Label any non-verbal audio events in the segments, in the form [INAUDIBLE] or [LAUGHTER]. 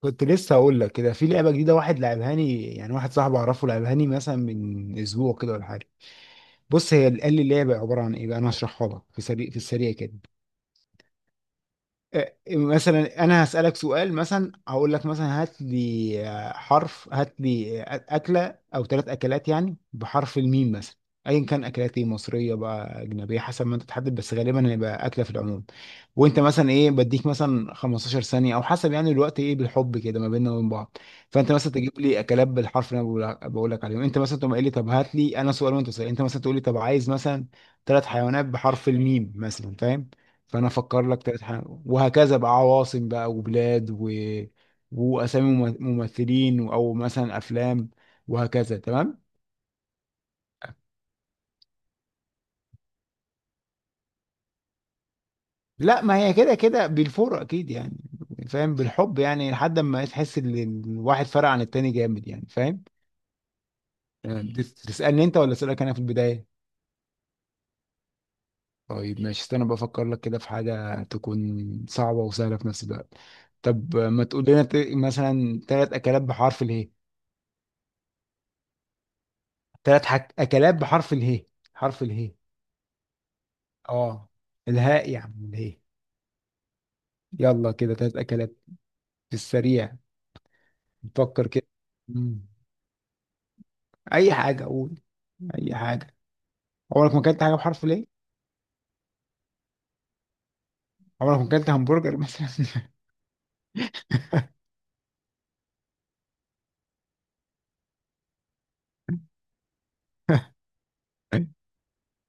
كنت لسه هقول لك كده في لعبه جديده واحد لعبهاني، يعني واحد صاحبي اعرفه لعبهاني مثلا من اسبوع كده ولا حاجه. بص، هي قال لي اللعبه عباره عن ايه بقى. انا هشرحها لك في السريع كده. مثلا انا هسألك سؤال، مثلا هقول لك مثلا هات لي، حرف، هات لي اكلة او ثلاث اكلات، يعني بحرف الميم مثلا. ايا كان، اكلات ايه، مصرية بقى اجنبية، حسب ما انت تحدد، بس غالبا هيبقى اكلة في العموم. وانت مثلا ايه، بديك مثلا 15 ثانية، او حسب يعني الوقت ايه بالحب كده ما بيننا وبين بعض. فانت مثلا تجيب لي اكلات بالحرف اللي انا بقول لك عليهم. انت مثلا تقوم قايل لي طب هات لي انا سؤال وانت سؤال، انت مثلا تقول لي طب عايز مثلا ثلاث حيوانات بحرف الميم مثلا، فاهم؟ فانا افكر لك ثلاث حاجات، وهكذا بقى، عواصم بقى وبلاد واسامي ممثلين او مثلا افلام، وهكذا، تمام؟ لا، ما هي كده كده بالفور اكيد يعني، فاهم؟ بالحب يعني، لحد ما تحس ان الواحد فرق عن التاني جامد، يعني فاهم. تسالني انت ولا اسالك انا في البدايه؟ طيب ماشي، استنى بفكر لك كده في حاجه تكون صعبه وسهله في نفس الوقت. طب، ما تقول لنا مثلا ثلاث اكلات بحرف اله. ثلاث اكلات بحرف اله، حرف اله. اه. الهاء يا عم، الهاء. يلا كده، تلات اكلات في السريع، نفكر كده. مم. اي حاجه قول، اي حاجه. عمرك ما اكلت حاجه بحرف ليه؟ عمرك ما اكلت همبرجر مثلا؟ [LAUGHS]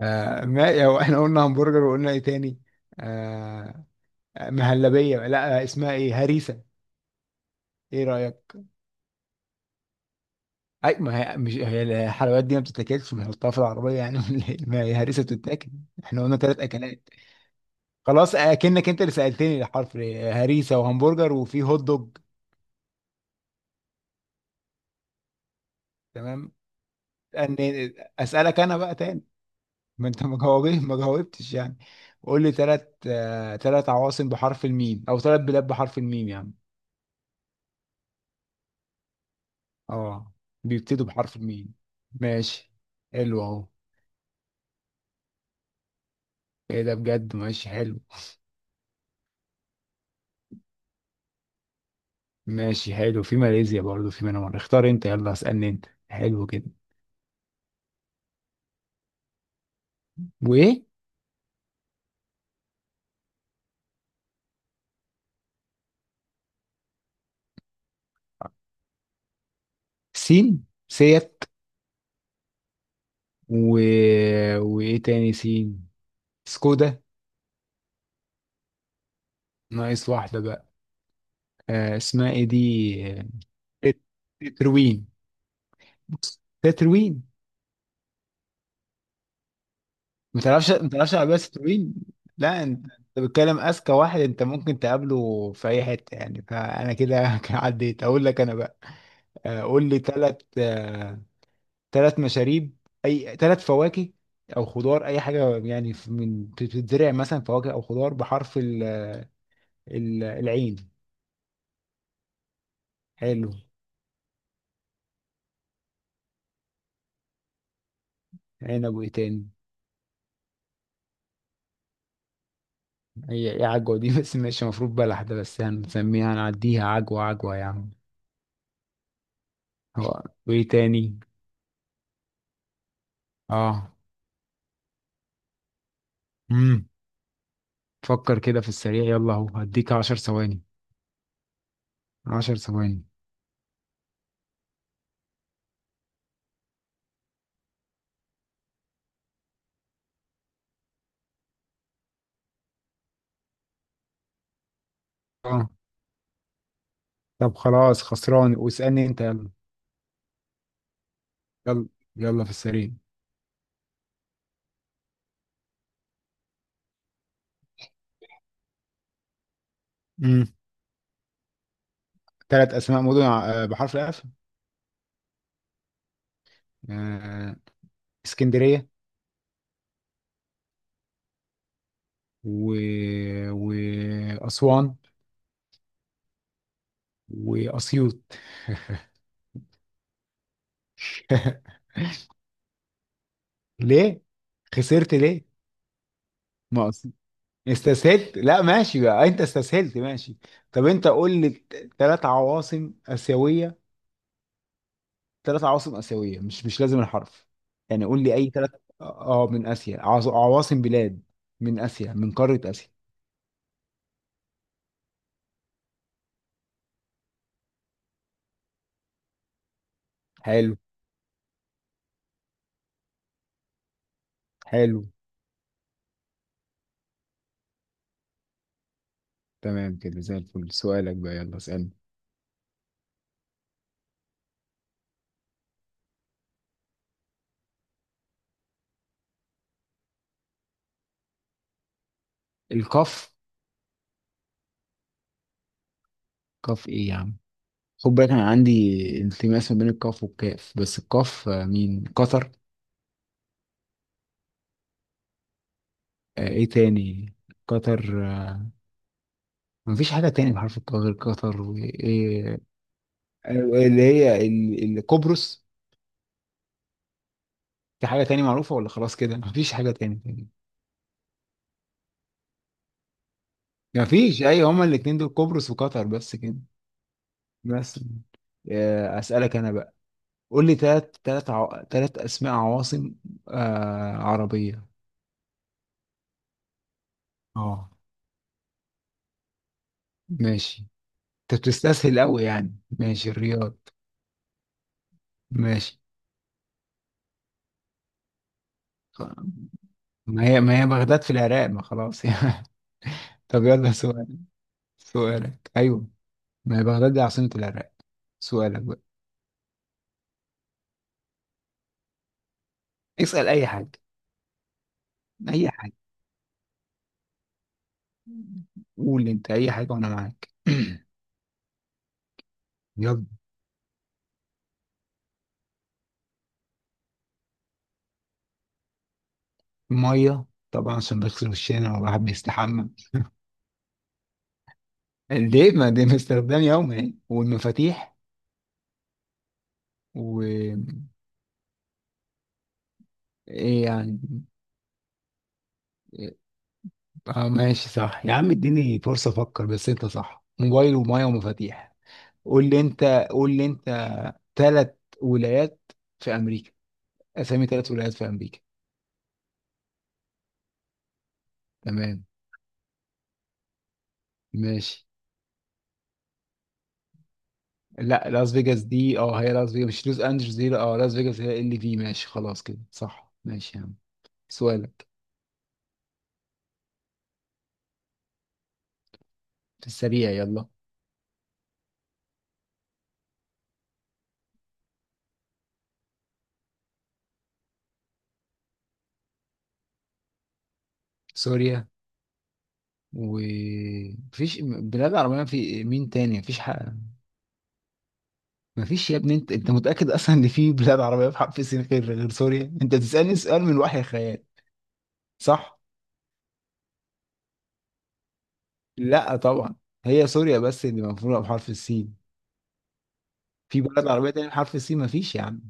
ما هو احنا قلنا همبرجر، وقلنا ايه تاني؟ آه مهلبيه، لا، اسمها ايه، هريسه. ايه رايك؟ اي، ما هي مش هي الحلويات دي ما بتتاكلش، ما هي في العربيه يعني، [LAUGHS] ولا إيه؟ ما هي هريسه بتتاكل. احنا قلنا ثلاث اكلات. خلاص، اكنك انت اللي سالتني الحرف ليه. هريسه وهمبرجر وفي هوت دوج. تمام. أن- اسالك انا بقى تاني. ما انت ما جاوبت ما جاوبتش يعني. قول لي ثلاث، ثلاث عواصم بحرف الميم او ثلاث بلاد بحرف الميم يعني. اه، بيبتدوا بحرف الميم. ماشي، حلو اهو. ايه ده بجد، ماشي حلو. ماشي، حلو، في ماليزيا برضو، في منامار. اختار انت، يلا اسالني انت، حلو كده. وايه؟ سين، سيت و... وايه تاني سين؟ سكودا. ناقص واحدة بقى. آه، اسمها ايه دي، آه، تت- تتروين. تتروين. ما تعرفش، ما تعرفش عربية تتروين؟ لا، انت بتتكلم اذكى واحد انت ممكن تقابله في اي حتة، يعني فانا كده [LAUGHS] عديت. اقول لك انا بقى، قول لي ثلاث، ثلاث مشاريب، اي ثلاث فواكه، او خضار، اي حاجة يعني من بتتزرع، مثلا فواكه او خضار بحرف العين. حلو. عنب، وايه تاني؟ هي ايه عجوة دي؟ بس ماشي، المفروض بلح ده، بس هنسميها، هنعديها، عجوة عجوة يا عم. هو، وايه تاني؟ اه. امم فكر كده في السريع، يلا، اهو هديك عشر ثواني، عشر ثواني. اه. طب خلاص، خسران، واسألني انت يلا. يلا، يلا في السريع. امم ثلاث اسماء مدن بحرف الاف. آه، اسكندرية و... واسوان واسيوط. [LAUGHS] ليه خسرت ليه؟ ما أص... استسهلت؟ لا ماشي بقى، انت استسهلت ماشي. طب انت قول لي ثلاث عواصم اسيويه، مش مش لازم الحرف يعني، قول لي اي ثلاث. اه، من اسيا، عواصم بلاد من اسيا، من قاره اسيا. حلو. حلو. تمام كده زي الفل. سؤالك بقى يلا، اسالني. القاف. قاف ايه يا عم؟ خد بالك انا عندي انتماس ما بين القاف والكاف. بس القاف، مين، قطر. ايه تاني؟ قطر، مفيش حاجه تاني بحرف القاف غير قطر، وايه اللي هي القبرص. في حاجة تاني معروفة ولا خلاص كده مفيش حاجة تاني تاني؟ مفيش. أي، هما الاتنين دول، قبرص وقطر، بس كده، بس. أسألك أنا بقى. قول لي تلات أسماء عواصم، عربية. اه، ماشي. أنت بتستسهل أوي يعني. ماشي، الرياض. ماشي، خ- ما هي ما هي بغداد في العراق، ما خلاص [LAUGHS] يعني. طب يلا سؤال، سؤالك، أيوه، ما هي بغداد دي عاصمة العراق. سؤالك بقى، اسأل أي حاجة، أي حاجة. قول انت اي حاجه وانا معاك. [CLEARS THROAT] يلا، ميه طبعا، عشان بغسل وشنا والواحد بيستحمى. ليه، ما دي استخدام يومي يعني. والمفاتيح و، ايه يعني؟ اه ماشي، صح يا عم، اديني فرصه افكر، بس انت صح، موبايل وميه ومفاتيح. قول لي انت قول لي انت ثلاث ولايات في امريكا، اسامي ثلاث ولايات في امريكا. تمام. ماشي، لا، لاس فيجاس دي، اه هي لاس فيجاس مش لوس انجلوس دي، لا، اه لاس فيجاس، هي ال في، ماشي، خلاص كده صح، ماشي يا عم. سؤالك، في السريع يلا. سوريا و، مفيش بلاد عربية في، مين تاني؟ مفيش، حق. مفيش يا ابني، انت متأكد اصلا ان في بلاد عربية في حرف السين غير، غير سوريا؟ انت بتسألني سؤال من وحي الخيال، صح. لا طبعا. هي سوريا بس اللي مفروضة بحرف السين. في بلاد عربية تانية بحرف السين مفيش يا عم.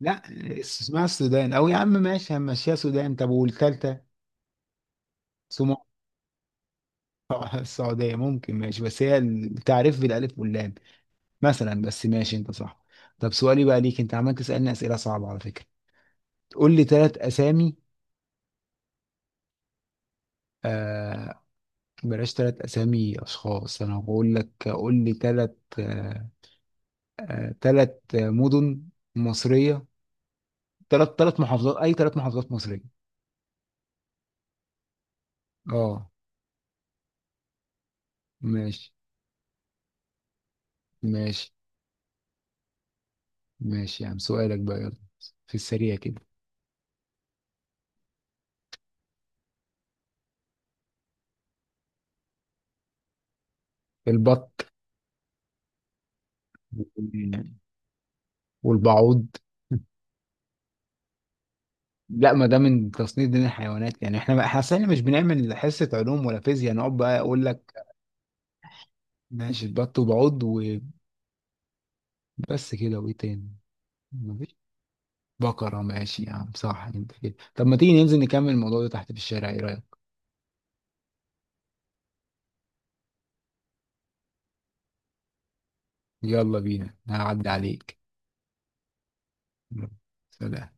لا، اسمها السودان، او يا عم ماشي، هنمشيها سودان. طب والتالتة؟ [LAUGHS] السعودية ممكن، ماشي، بس هي التعريف بالألف واللام مثلا، بس ماشي أنت صح. طب سؤالي بقى ليك، أنت عمال تسألني أسئلة صعبة على فكرة. قول لي ثلاث أسامي، آه بلاش ثلاث أسامي أشخاص، أنا هقول لك قول لي ثلاث، آه ثلاث مدن مصرية، ثلاث محافظات، أي ثلاث محافظات مصرية. أه. ماشي، ماشي، ماشي، يعني سؤالك بقى يلا، في السريع كده. البط والبعوض. لا، ما ده من تصنيف دين الحيوانات يعني، احنا أصل إحنا مش بنعمل حصة علوم ولا فيزياء نقعد بقى اقول لك. ماشي، البط وبعض، وبس كده، وايه تاني؟ مفيش. بقرة ماشي يا عم، صح انت كده. طب ما تيجي ننزل نكمل الموضوع ده تحت في الشارع، ايه رأيك؟ يلا بينا، هعدي عليك. يلا. سلام.